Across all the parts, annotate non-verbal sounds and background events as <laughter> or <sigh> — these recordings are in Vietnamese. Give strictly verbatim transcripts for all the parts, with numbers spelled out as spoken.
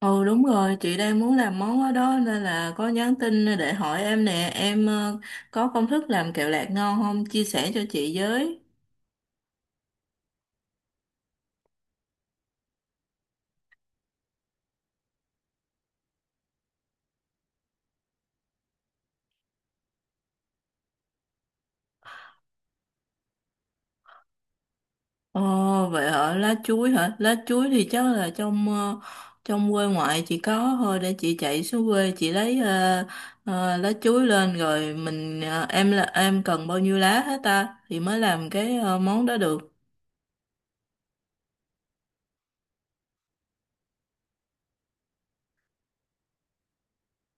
Ừ, đúng rồi, chị đang muốn làm món đó, đó nên là có nhắn tin để hỏi em nè, em ờ, có công thức làm kẹo lạc ngon không? Chia sẻ cho chị với. Ồ vậy hả, lá chuối hả? Lá chuối thì chắc là trong ờ, trong quê ngoại chị có thôi, để chị chạy xuống quê chị lấy ờ, ờ, lá chuối lên, rồi mình ờ, em là em cần bao nhiêu lá hết ta thì mới làm cái ờ, món đó được.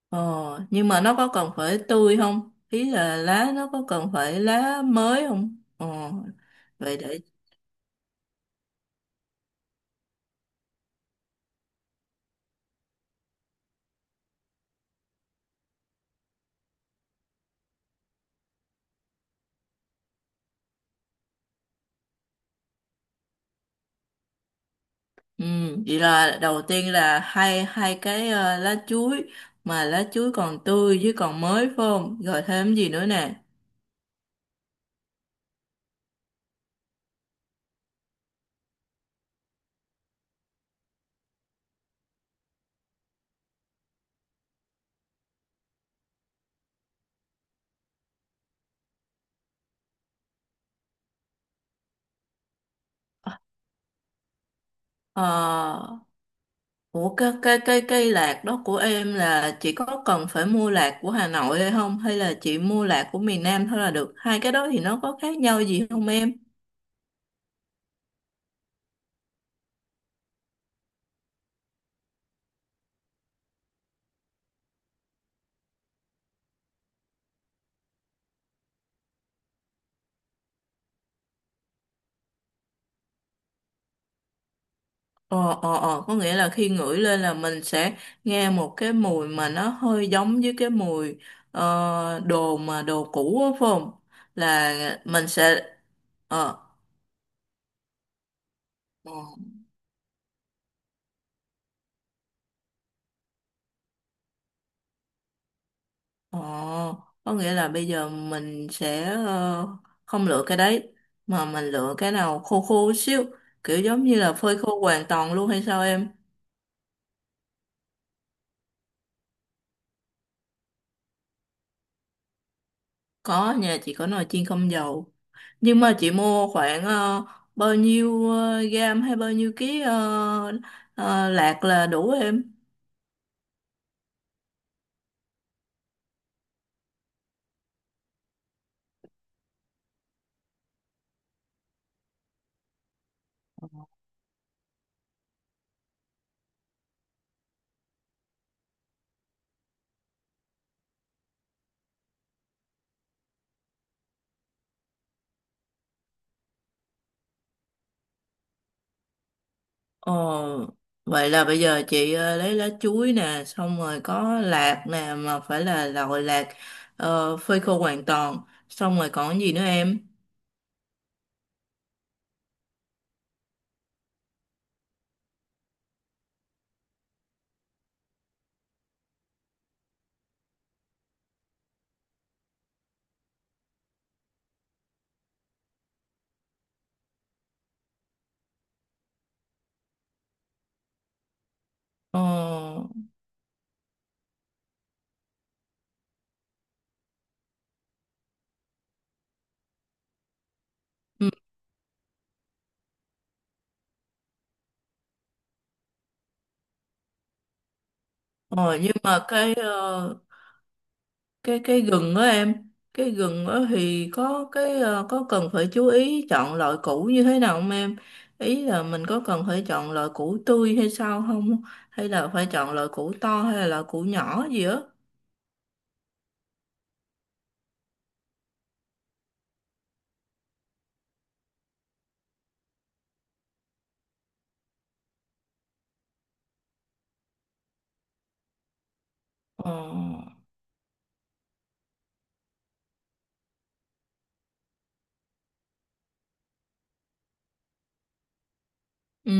Ờ, nhưng mà nó có cần phải tươi không? Ý là lá nó có cần phải lá mới không? Ờ, vậy để ừ, Vậy là đầu tiên là hai hai cái ờ, lá chuối, mà lá chuối còn tươi với còn mới phải không? Rồi thêm gì nữa nè? Ờ, ủa, cái cái cái cây lạc đó của em là chỉ có cần phải mua lạc của Hà Nội hay không? Hay là chị mua lạc của miền Nam thôi là được? Hai cái đó thì nó có khác nhau gì không em? Ờ, ờ, ờ, có nghĩa là khi ngửi lên là mình sẽ nghe một cái mùi mà nó hơi giống với cái mùi ờ, đồ mà đồ cũ á phải không? Là mình sẽ. Ờ, ờ, ờ, có nghĩa là bây giờ mình sẽ ờ, không lựa cái đấy, mà mình lựa cái nào khô khô xíu, kiểu giống như là phơi khô hoàn toàn luôn hay sao em? Có, nhà chị có nồi chiên không dầu. Nhưng mà chị mua khoảng ờ, bao nhiêu ờ, gam hay bao nhiêu ký ờ, ờ, lạc là đủ em? Ờ, vậy là bây giờ chị ờ, lấy lá chuối nè, xong rồi có lạc nè, mà phải là loại lạc ờ, phơi khô hoàn toàn. Xong rồi còn cái gì nữa em? Ờ, ừ, ờ, nhưng mà cái ờ, cái cái gừng đó em, cái gừng đó thì có cái ờ, có cần phải chú ý chọn loại củ như thế nào không em, ý là mình có cần phải chọn loại củ tươi hay sao không, hay là phải chọn loại củ to hay là loại củ nhỏ gì á? ờ Ừ,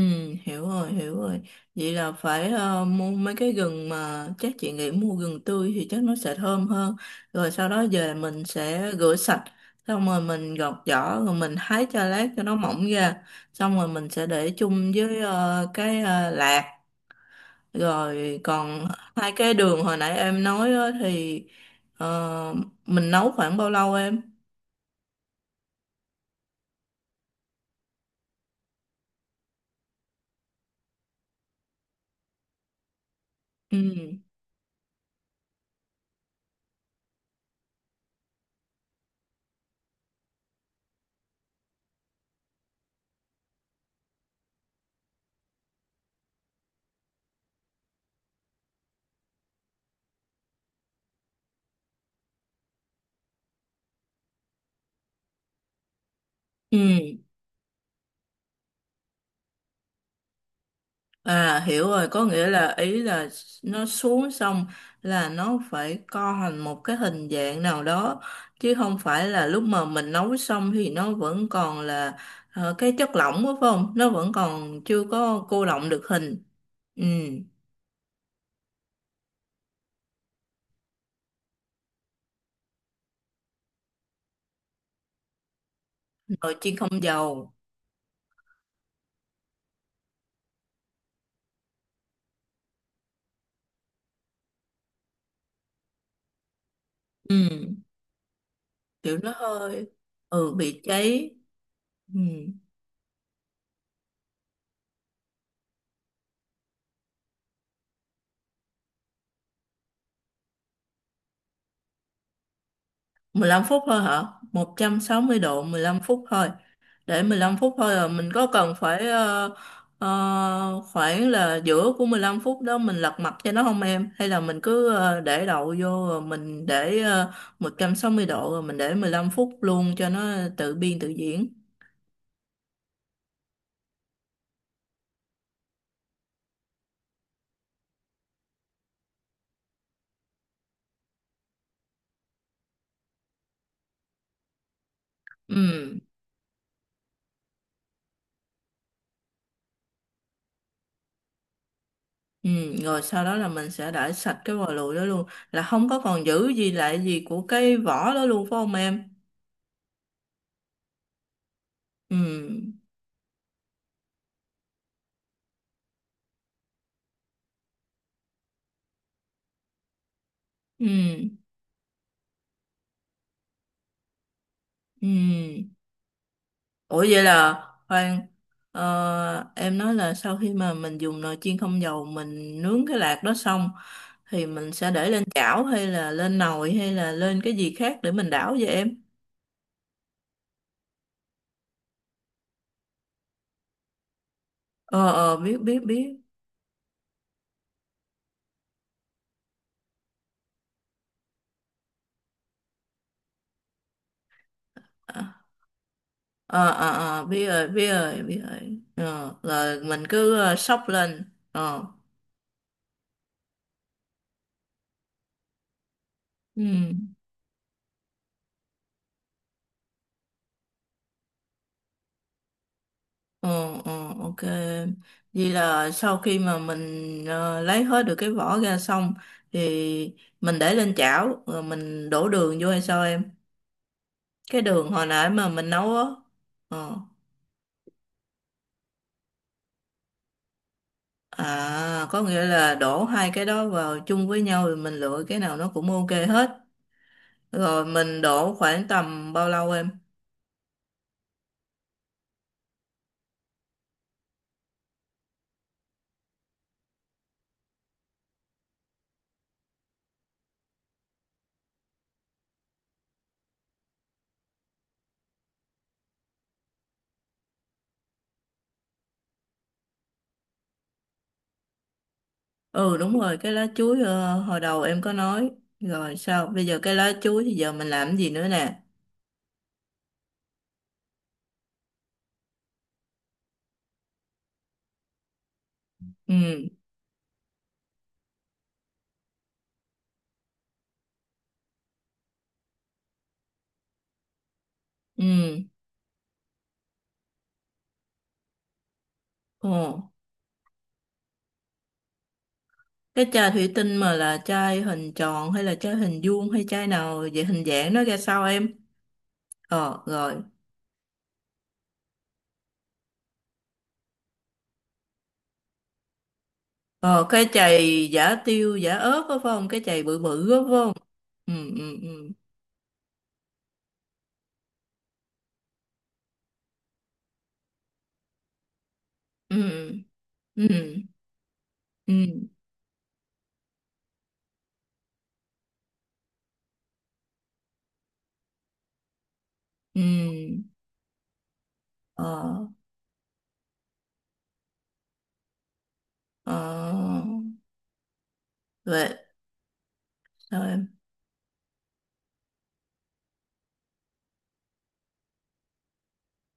hiểu rồi, hiểu rồi. Vậy là phải ờ, mua mấy cái gừng, mà chắc chị nghĩ mua gừng tươi thì chắc nó sẽ thơm hơn. Rồi sau đó về mình sẽ rửa sạch, xong rồi mình gọt vỏ, rồi mình thái cho lát cho nó mỏng ra. Xong rồi mình sẽ để chung với ờ, cái ờ, lạc. Rồi còn hai cái đường hồi nãy em nói á thì ờ, mình nấu khoảng bao lâu em? Ừ. Ừ. À hiểu rồi, có nghĩa là ý là nó xuống xong là nó phải co thành một cái hình dạng nào đó, chứ không phải là lúc mà mình nấu xong thì nó vẫn còn là ờ, cái chất lỏng đó, phải không? Nó vẫn còn chưa có cô đọng được hình. Ừ, nồi chiên không dầu. Ừ, kiểu nó hơi ừ bị cháy. Ừ. mười lăm phút thôi hả? một trăm sáu mươi độ mười lăm phút thôi. Để mười lăm phút thôi là mình có cần phải ờ, ờ, khoảng là giữa của mười lăm phút đó mình lật mặt cho nó không em? Hay là mình cứ ờ, để đậu vô rồi mình để ờ, một trăm sáu mươi độ rồi mình để mười lăm phút luôn cho nó tự biên tự diễn. Ừ. Ừ, rồi sau đó là mình sẽ đãi sạch cái vò lụi đó luôn, là không có còn giữ gì lại gì của cái vỏ đó luôn phải không em? Ừ. Ừ. Ừ. ừ. Ủa vậy là khoan, ờ, em nói là sau khi mà mình dùng nồi chiên không dầu mình nướng cái lạc đó xong thì mình sẽ để lên chảo hay là lên nồi hay là lên cái gì khác để mình đảo vậy em? Ờ ờ, biết biết biết. À, ờ ờ ờ, biết rồi biết rồi biết rồi. Ờ, là mình cứ ờ, xóc lên. Ờ. Ừ. Ờ, ờ, ok. Vậy là sau khi mà mình ờ, lấy hết được cái vỏ ra xong thì mình để lên chảo rồi mình đổ đường vô hay sao em? Cái đường hồi nãy mà mình nấu á. Ờ. À, có nghĩa là đổ hai cái đó vào chung với nhau rồi mình lựa cái nào nó cũng ok hết. Rồi mình đổ khoảng tầm bao lâu em? Ừ đúng rồi, cái lá chuối ờ, hồi đầu em có nói. Rồi sao? Bây giờ cái lá chuối thì giờ mình làm cái gì nữa nè? Ừ. Ừ. Ồ. Cái chai thủy tinh mà là chai hình tròn hay là chai hình vuông hay chai nào vậy, hình dạng nó ra sao em? Ờ rồi. Ờ, cái chày giả tiêu giả ớt có phải không? Cái chày bự bự có phải không? Ừ ừ ừ. Ừ ừ ừ. ừ. ừ. Ờ ờ, vậy sao em?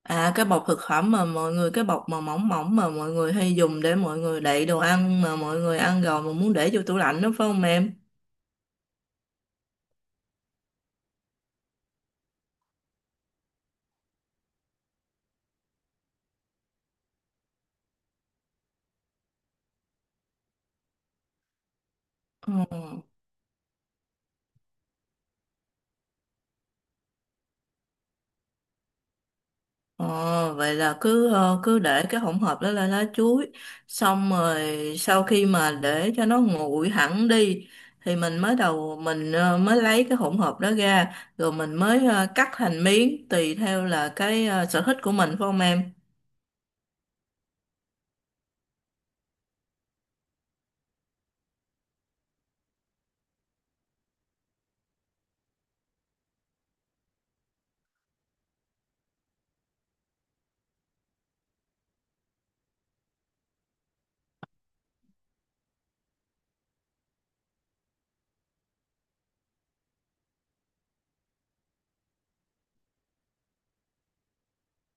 À, cái bọc thực phẩm mà mọi người, cái bọc mà mỏng mỏng mà mọi người hay dùng để mọi người đậy đồ ăn mà mọi người ăn rồi mà muốn để vô tủ lạnh đó phải không em? Ờ. Ờ, vậy là cứ ờ, cứ để cái hỗn hợp đó lên lá chuối, xong rồi sau khi mà để cho nó nguội hẳn đi thì mình mới đầu mình ờ, mới lấy cái hỗn hợp đó ra, rồi mình mới ờ, cắt thành miếng tùy theo là cái ờ, sở thích của mình phải không em?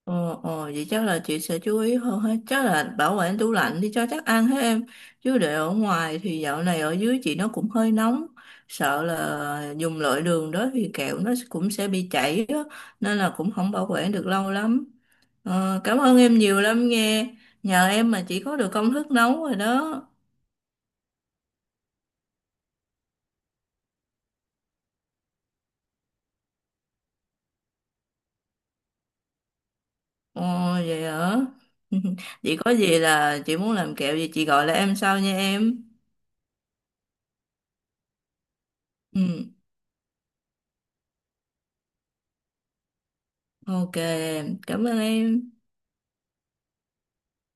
Ờ, ờ, vậy chắc là chị sẽ chú ý hơn hết. Chắc là bảo quản tủ lạnh đi cho chắc ăn hết em. Chứ để ở ngoài thì dạo này ở dưới chị nó cũng hơi nóng. Sợ là dùng loại đường đó thì kẹo nó cũng sẽ bị chảy á. Nên là cũng không bảo quản được lâu lắm. Ờ, cảm ơn em nhiều lắm nghe. Nhờ em mà chị có được công thức nấu rồi đó. Ồ, vậy hả? <laughs> Chị có gì là chị muốn làm kẹo gì chị gọi lại em sau nha em. Ừ, ok em. Cảm ơn em.